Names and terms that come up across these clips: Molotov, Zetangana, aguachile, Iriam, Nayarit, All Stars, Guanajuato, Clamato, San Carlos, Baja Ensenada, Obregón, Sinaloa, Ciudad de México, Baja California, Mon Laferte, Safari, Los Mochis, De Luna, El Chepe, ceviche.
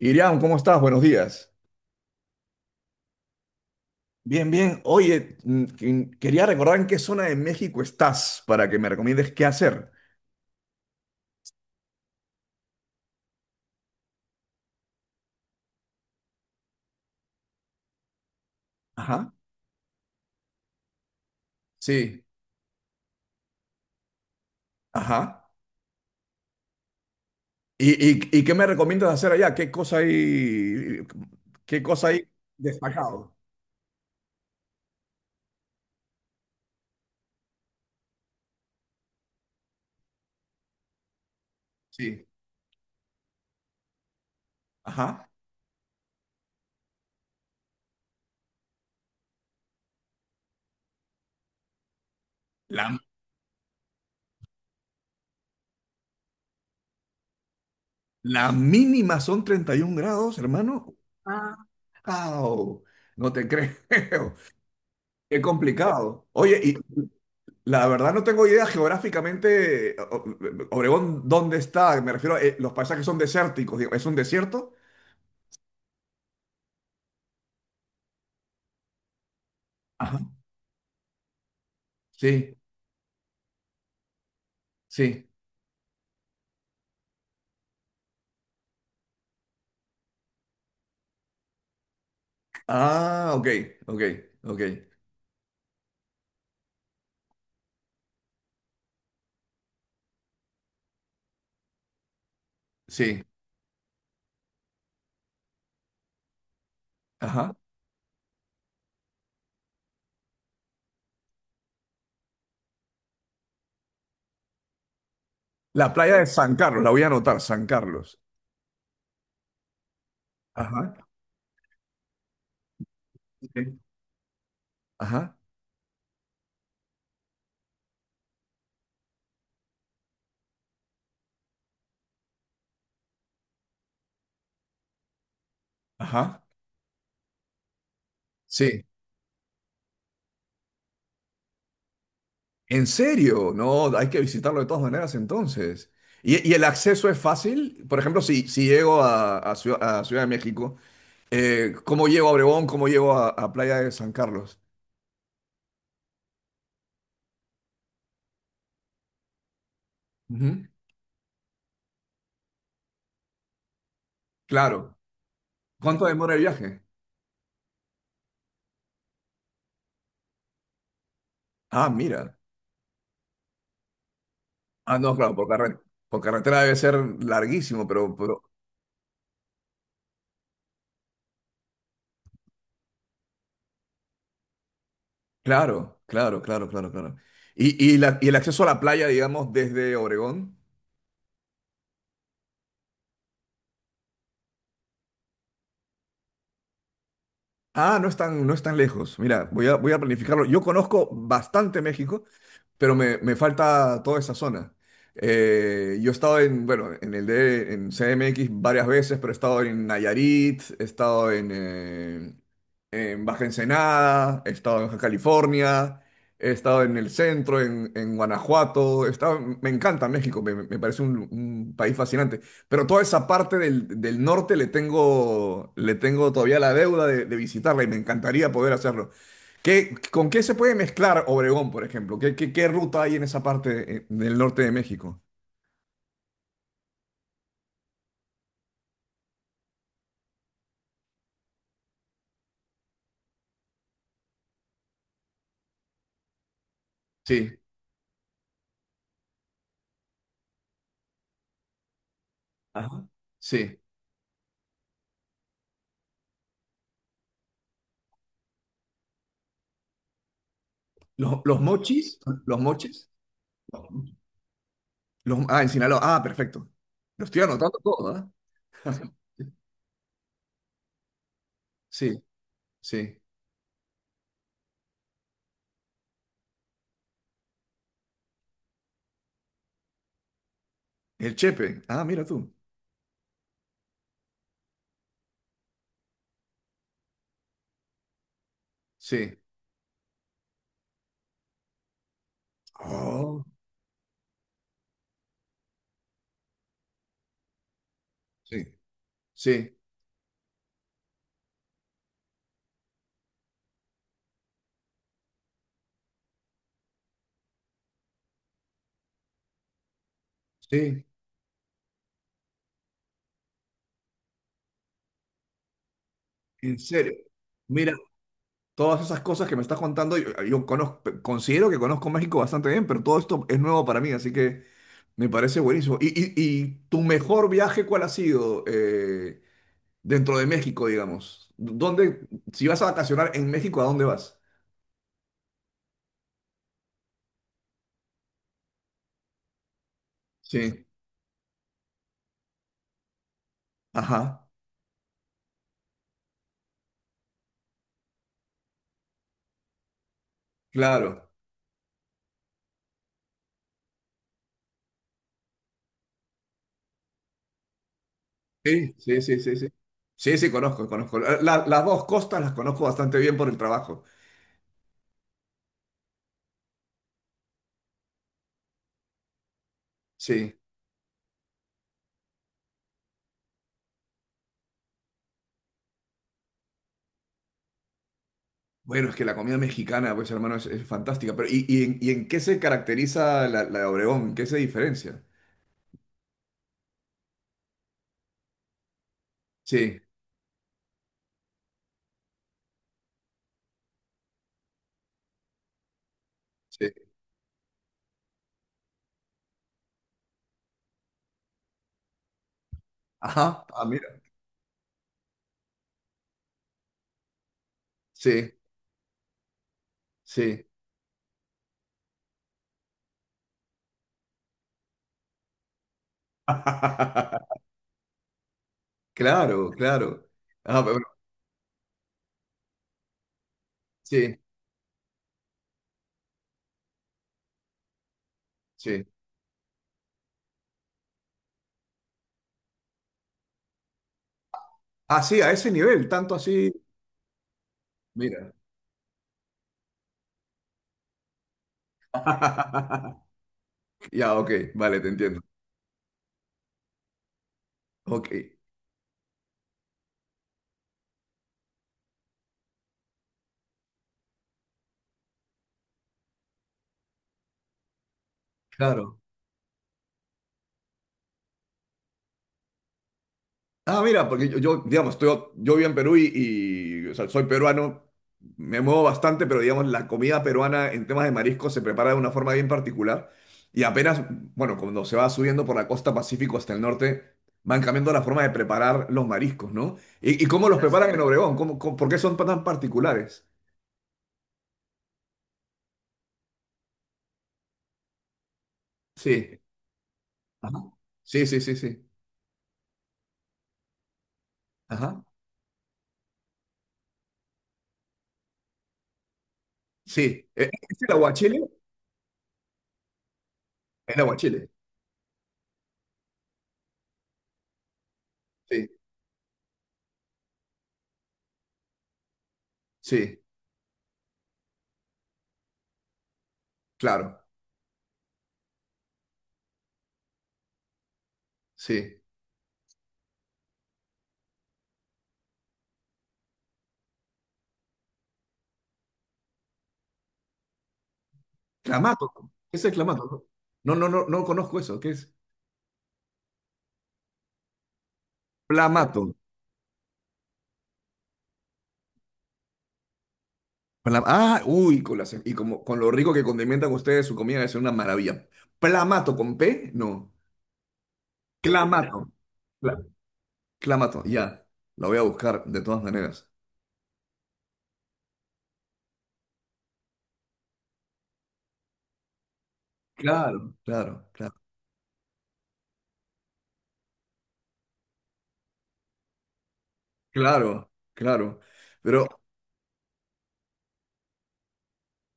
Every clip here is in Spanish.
Iriam, ¿cómo estás? Buenos días. Bien, bien. Oye, quería recordar en qué zona de México estás para que me recomiendes qué hacer. Ajá, sí, ajá. ¿Y qué me recomiendas hacer allá? Qué cosa hay destacado? Sí, ajá. La, la mínima son 31 grados, hermano. ¡Wow! No te creo. Qué complicado. Oye, la verdad no tengo idea geográficamente, Obregón, ¿dónde está? Me refiero a los paisajes son desérticos, digo, ¿es un desierto? Ajá. Sí, sí. Ah, ok, ok, ok. Sí, ajá. La playa de San Carlos, la voy a anotar, San Carlos. Ajá, sí, ajá, ajá. Sí. ¿En serio? No, hay que visitarlo de todas maneras entonces. Y el acceso es fácil? Por ejemplo, si llego a, a Ciudad de México. ¿Cómo llego a Obregón? ¿Cómo llego a Playa de San Carlos? Ujú. Claro. ¿Cuánto demora el viaje? Ah, mira. Ah, no, claro, por carretera. Por carretera debe ser larguísimo, pero claro, claro, claro, claro, claro. ¿Y el acceso a la playa, digamos, desde Obregón? Ah, no es tan, no es tan lejos. Mira, voy a planificarlo. Yo conozco bastante México, pero me falta toda esa zona. Yo he estado en, bueno, en CMX varias veces, pero he estado en Nayarit, he estado en Baja Ensenada, he estado en Baja California, he estado en el centro, en Guanajuato. Me encanta México, me parece un país fascinante. Pero toda esa parte del, del norte le tengo todavía la deuda de visitarla y me encantaría poder hacerlo. ¿Qué, con qué se puede mezclar Obregón, por ejemplo? ¿Qué, qué, qué ruta hay en esa parte del norte de México? Sí, ajá, sí. Los mochis? ¿Los mochis? Los, ah, en Sinaloa. Ah, perfecto. Lo estoy anotando todo, ¿ah? Sí, sí. El Chepe. Ah, mira tú. Sí. Oh, sí, sí, sí. En serio, todas esas cosas que me estás contando, yo conozco, considero que conozco México bastante bien, pero todo esto es nuevo para mí, así que me parece buenísimo. ¿Y tu mejor viaje cuál ha sido dentro de México, digamos? ¿Dónde, si vas a vacacionar en México, ¿a dónde vas? Sí, ajá, claro. Sí, sí, sí, sí, sí. Sí, sí, conozco, conozco. Las dos costas las conozco bastante bien por el trabajo. Sí. Bueno, es que la comida mexicana, pues hermano, es fantástica. Pero, ¿y en qué se caracteriza la, la de Obregón? ¿En qué se diferencia? Sí, sí. Ajá, ah, mira. Sí, sí. Claro, claro. Ah, pero bueno, sí, sí. Ah, sí, a ese nivel, tanto así. Mira. Ya, ok, vale, te entiendo. Ok, claro. Ah, mira, porque yo, digamos, estoy, yo vivo en Perú y, o sea, soy peruano, me muevo bastante, pero digamos, la comida peruana en temas de mariscos se prepara de una forma bien particular. Y apenas, bueno, cuando se va subiendo por la costa Pacífico hasta el norte, van cambiando la forma de preparar los mariscos, ¿no? ¿Y cómo los así preparan en es. Obregón? ¿Cómo, por qué son tan particulares? Sí. Ajá. Sí, sí, sí, sí. Ajá. Sí. ¿Es el aguachile? El aguachile. Sí, sí, claro. Sí. Clamato. ¿Qué es el clamato? No, no, no, no conozco eso. ¿Qué es? Plamato. Ah, uy, y como, con lo rico que condimentan ustedes su comida, es una maravilla. Plamato con P, no. Clamato. Cla- Clamato, ya. Lo voy a buscar de todas maneras. Claro, claro, claro. Claro, claro. Pero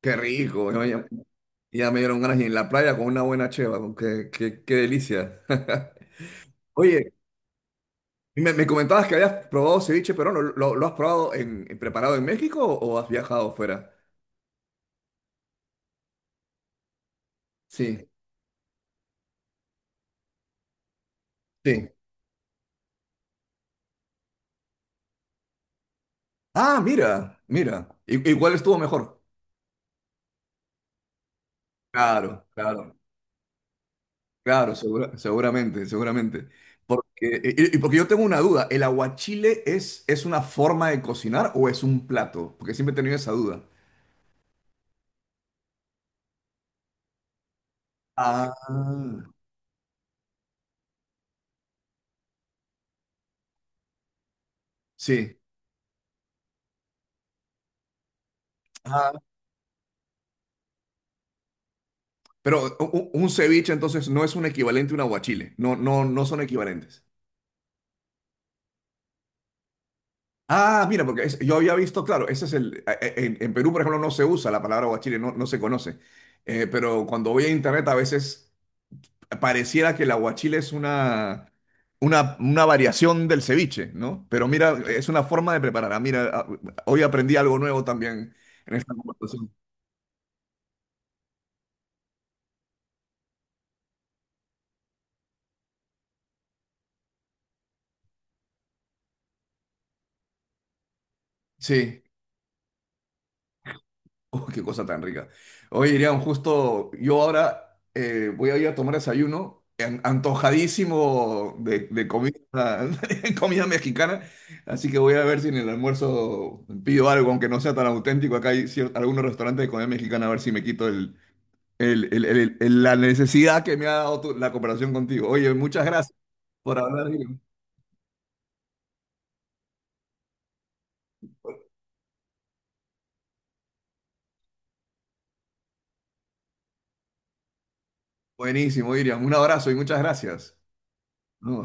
qué rico. Ya me dieron ganas y en la playa con una buena cheva. Con Qué, qué, qué delicia. Oye. Y me comentabas que habías probado ceviche peruano. ¿Lo has probado preparado en México o has viajado fuera? Sí, sí. Ah, mira, mira. ¿Y cuál estuvo mejor? Claro, claro, claro, seguramente, seguramente. Porque, y porque yo tengo una duda, ¿el aguachile es una forma de cocinar o es un plato? Porque siempre he tenido esa duda. Ah, sí. Ah, pero un, ceviche entonces no es un equivalente a un aguachile, no, no, no son equivalentes. Ah, mira, porque yo había visto, claro, ese es el, en Perú, por ejemplo, no se usa la palabra guachile, no, no se conoce. Pero cuando voy a internet a veces pareciera que el aguachile es una variación del ceviche, ¿no? Pero mira, es una forma de preparar. Ah, mira, ah, hoy aprendí algo nuevo también en esta conversación. Sí. Oh, qué cosa tan rica. Oye, Irian, justo yo ahora voy a ir a tomar desayuno, antojadísimo de comida, comida mexicana, así que voy a ver si en el almuerzo pido algo, aunque no sea tan auténtico. Acá hay algunos restaurantes de comida mexicana, a ver si me quito la necesidad que me ha dado la cooperación contigo. Oye, muchas gracias por hablar, Irian. Buenísimo, Irian. Un abrazo y muchas gracias. No,